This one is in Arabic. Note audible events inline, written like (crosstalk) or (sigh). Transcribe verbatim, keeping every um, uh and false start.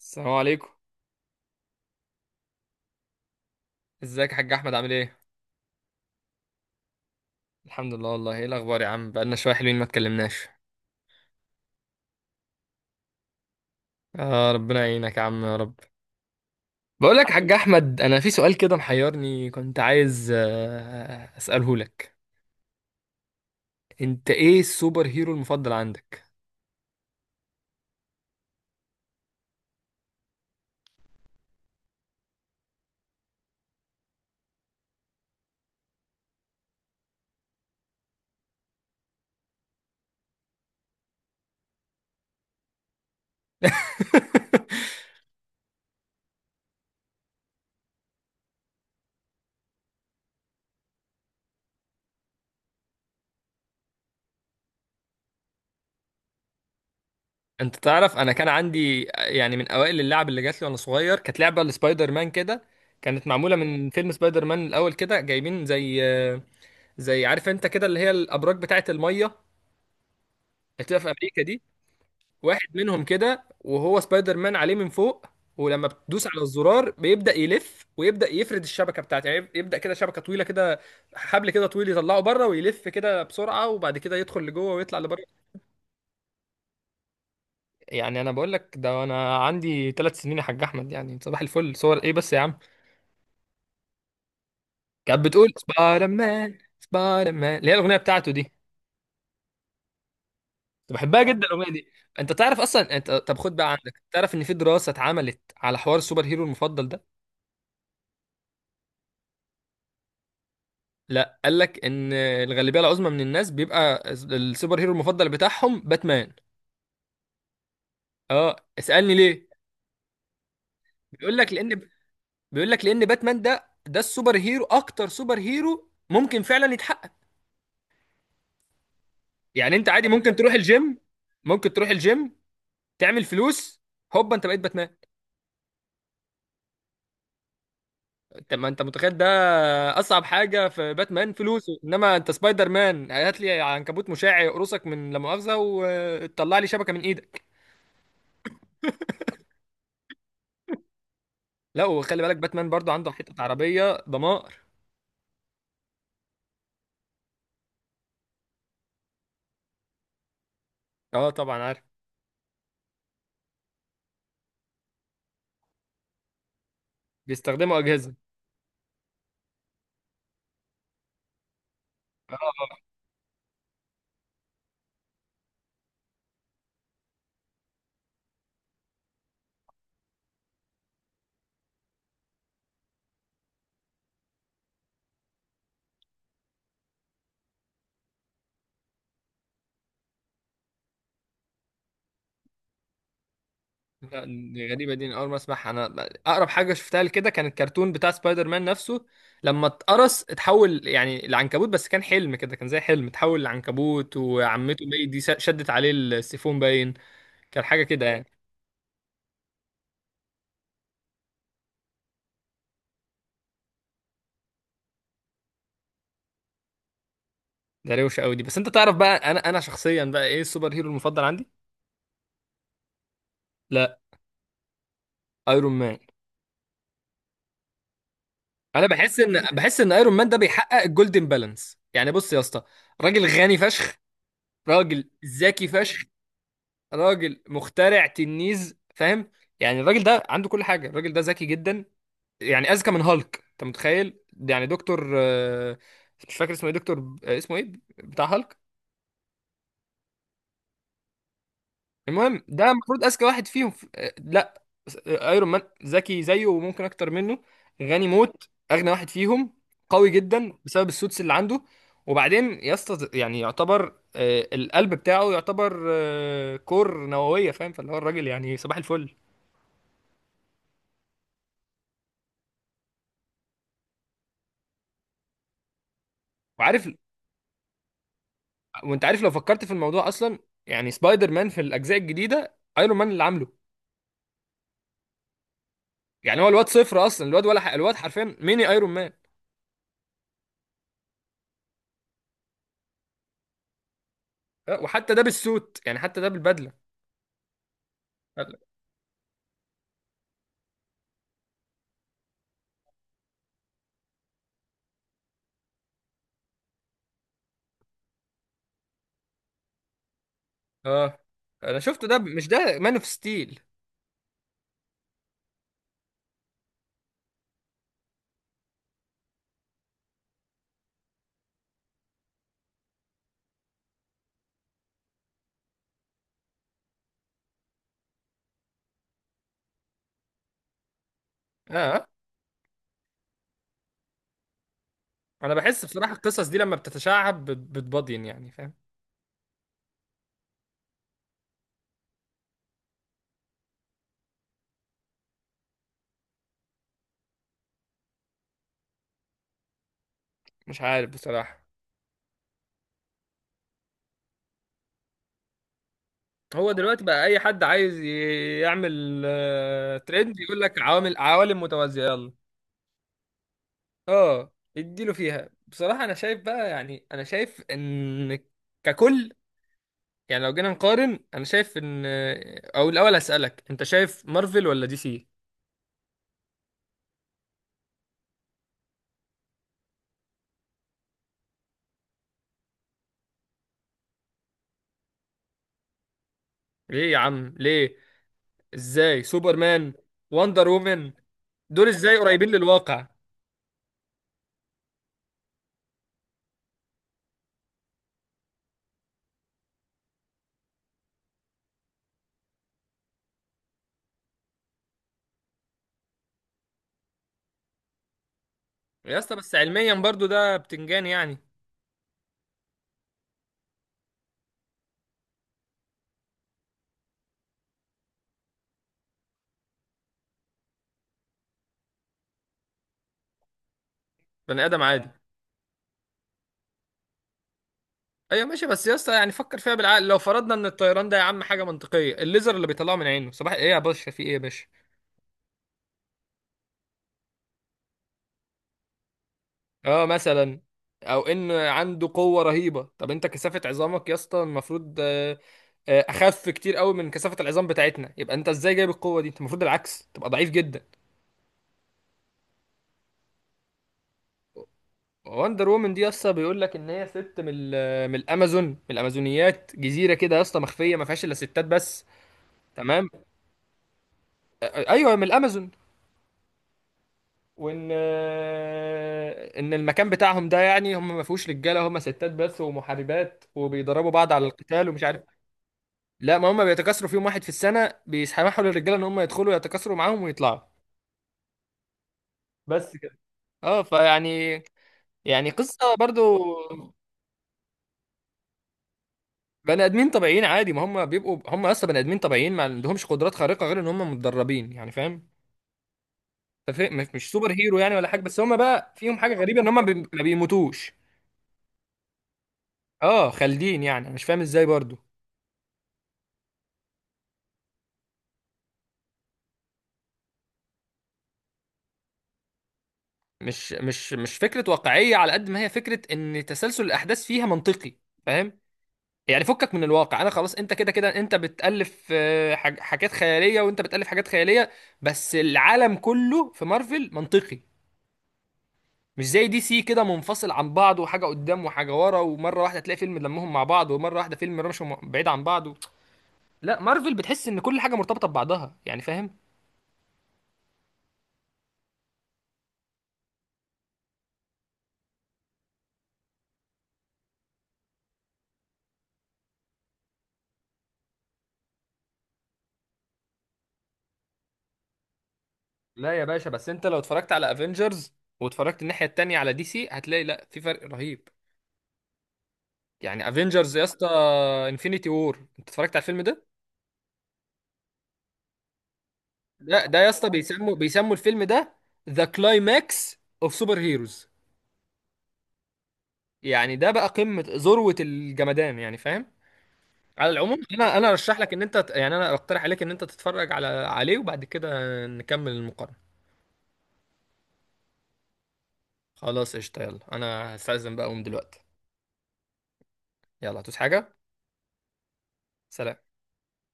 السلام عليكم. ازيك يا حاج احمد عامل ايه؟ الحمد لله والله ايه الاخبار يا عم بقالنا شويه حلوين ما اتكلمناش. اه ربنا يعينك يا عم يا رب. بقول لك يا حاج احمد انا في سؤال كده محيرني كنت عايز آه، اساله لك. انت ايه السوبر هيرو المفضل عندك؟ (laughs) انت تعرف انا كان عندي يعني من اوائل اللعب اللي جات لي وانا صغير كانت لعبه لسبايدر مان كده. كانت معموله من فيلم سبايدر مان الاول كده جايبين زي آه، زي، عارف انت كده، اللي هي الابراج بتاعه الميه اللي بتبقى في امريكا دي. واحد منهم كده وهو سبايدر مان عليه من فوق، ولما بتدوس على الزرار بيبدأ يلف ويبدأ يفرد الشبكة بتاعته، يعني يبدأ كده شبكة طويلة كده، حبل كده طويل يطلعه بره ويلف كده بسرعة وبعد كده يدخل لجوه ويطلع لبره. يعني انا بقول لك ده انا عندي ثلاث سنين يا حاج احمد، يعني صباح الفل، صور ايه بس يا عم. كانت بتقول سبايدر مان سبايدر مان اللي هي الاغنيه بتاعته دي. كنت بحبها جدا الاغنيه دي. انت تعرف اصلا انت، طب خد بقى عندك، تعرف ان في دراسه اتعملت على حوار السوبر هيرو المفضل ده؟ لا، قال لك ان الغالبيه العظمى من الناس بيبقى السوبر هيرو المفضل بتاعهم باتمان. اه اسالني ليه. بيقول لك لان بيقول لك لان باتمان ده ده السوبر هيرو، اكتر سوبر هيرو ممكن فعلا يتحقق. يعني انت عادي ممكن تروح الجيم، ممكن تروح الجيم تعمل فلوس، هوبا انت بقيت باتمان. انت ما انت متخيل ده، اصعب حاجه في باتمان فلوسه، انما انت سبايدر مان هات لي عنكبوت مشع يقرصك من لا مؤاخذه وتطلع لي شبكه من ايدك. لا وخلي بالك باتمان برضو عنده حته عربيه ضمان. اه طبعا عارف. بيستخدموا اجهزه. اه. لا دي غريبه دي، أنا اول ما اسمعها انا. اقرب حاجه شفتها لكده كان الكرتون بتاع سبايدر مان نفسه، لما اتقرص اتحول يعني لعنكبوت، بس كان حلم كده، كان زي حلم اتحول لعنكبوت وعمته بقى دي شدت عليه السيفون باين. كان حاجه كده يعني. ده روشه قوي دي، بس انت تعرف بقى انا انا شخصيا بقى ايه السوبر هيرو المفضل عندي؟ لا. ايرون مان. انا بحس ان بحس ان ايرون مان ده بيحقق الجولدن بالانس. يعني بص يا اسطى، راجل غني فشخ، راجل ذكي فشخ، راجل مخترع تنيز فاهم. يعني الراجل ده عنده كل حاجه، الراجل ده ذكي جدا. يعني اذكى من هالك انت متخيل. يعني دكتور آه، مش فاكر اسمه ايه. دكتور آه، اسمه ايه بتاع هالك. المهم ده المفروض اذكى واحد فيهم في... آه، لا س- آه، ايرون مان ذكي زيه وممكن اكتر منه. غني موت، اغنى واحد فيهم. قوي جدا بسبب السوتس اللي عنده. وبعدين يسطا يعني يعتبر آه، القلب بتاعه يعتبر آه، كور نووية فاهم، فاللي هو الراجل يعني صباح الفل. وعارف، وانت عارف لو فكرت في الموضوع اصلا، يعني سبايدر مان في الاجزاء الجديده ايرون مان اللي عامله. يعني هو الواد صفر اصلا، الواد ولا ح... الواد حرفيا ميني ايرون مان. أه، وحتى ده بالسوت، يعني حتى ده بالبدله. اه انا شفته ده، ب- مش ده مان اوف ستيل. اه انا بحس بصراحه القصص دي لما بتتشعب بت- بتبضين يعني فاهم. مش عارف بصراحه. هو دلوقتي بقى اي حد عايز ي- يعمل آه، ترند يقول لك عوامل عوالم متوازيه يلا. اه اديله فيها بصراحة. انا شايف بقى، يعني انا شايف ان ككل، يعني لو جينا نقارن انا شايف ان، او الاول هسألك انت شايف مارفل ولا دي سي؟ ليه يا عم ليه؟ ازاي سوبرمان وندر وومن دول ازاي قريبين للواقع؟ يا اسطى بس علميا برضو ده بتنجان يعني. بني ادم عادي. ايوه ماشي بس يا اسطى يعني فكر فيها بالعقل، لو فرضنا ان الطيران ده يا عم حاجة منطقية، الليزر اللي بيطلعه من عينه صباح ايه يا باشا؟ في ايه يا باشا؟ اه مثلا، او ان عنده قوه رهيبه، طب انت كثافه عظامك يا اسطى المفروض آه، آه، اخف كتير قوي من كثافه العظام بتاعتنا، يبقى انت ازاي جايب القوه دي؟ انت المفروض العكس تبقى ضعيف جدا. وندر وومن دي يا اسطى بيقول لك ان هي ست من ال- من الامازون، من الامازونيات، جزيره كده يا اسطى مخفيه ما فيهاش الا ستات بس. تمام آه، ايوه من الامازون. وان آه، ان المكان بتاعهم ده يعني هم ما فيهوش رجاله، هم ستات بس ومحاربات وبيدربوا بعض على القتال ومش عارف. لا ما هم بيتكاثروا في يوم واحد في السنة بيسمحوا للرجالة ان هم يدخلوا يتكاثروا معاهم ويطلعوا. بس كده. اه فيعني، يعني قصة برضو. بني ادمين طبيعيين عادي، ما هم بيبقوا هم اصلا بني ادمين طبيعيين ما عندهمش قدرات خارقة غير ان هم متدربين يعني فاهم. ففي- مش مش سوبر هيرو يعني ولا حاجة، بس هم بقى فيهم حاجة غريبة ان هم بي- ما بيموتوش. اه خالدين يعني، أنا مش فاهم ازاي برضو. مش مش مش فكرة واقعية على قد ما هي فكرة ان تسلسل الاحداث فيها منطقي فاهم. يعني فكك من الواقع انا خلاص، انت كده كده انت بتألف آه، حاج- حاجات خيالية، وانت بتألف حاجات خيالية. بس العالم كله في مارفل منطقي. مش زي دي سي كده منفصل عن بعض، وحاجة قدام وحاجة ورا، ومرة واحدة تلاقي فيلم لمهم مع بعض، ومرة واحدة فيلم رمشوا م- بعيد عن بعض و... لا مارفل بتحس ان كل حاجة مرتبطة ببعضها يعني فاهم. لا يا باشا، بس انت لو اتفرجت على افنجرز واتفرجت الناحية التانية على دي سي هتلاقي لا في فرق رهيب. يعني افنجرز يا اسطى، انفينيتي وور، انت اتفرجت على الفيلم ده؟ ده ده يا اسطى بيسموا بيسموا الفيلم ده ذا كلايماكس اوف سوبر هيروز. يعني ده بقى قمة ذروة الجمدان يعني فاهم. على العموم انا انا ارشح لك ان انت ت- يعني انا اقترح عليك ان انت تتفرج على عليه وبعد كده نكمل المقارنة. خلاص قشطة، يلا انا هستأذن بقى اقوم دلوقتي. يلا هتوس حاجة. سلام.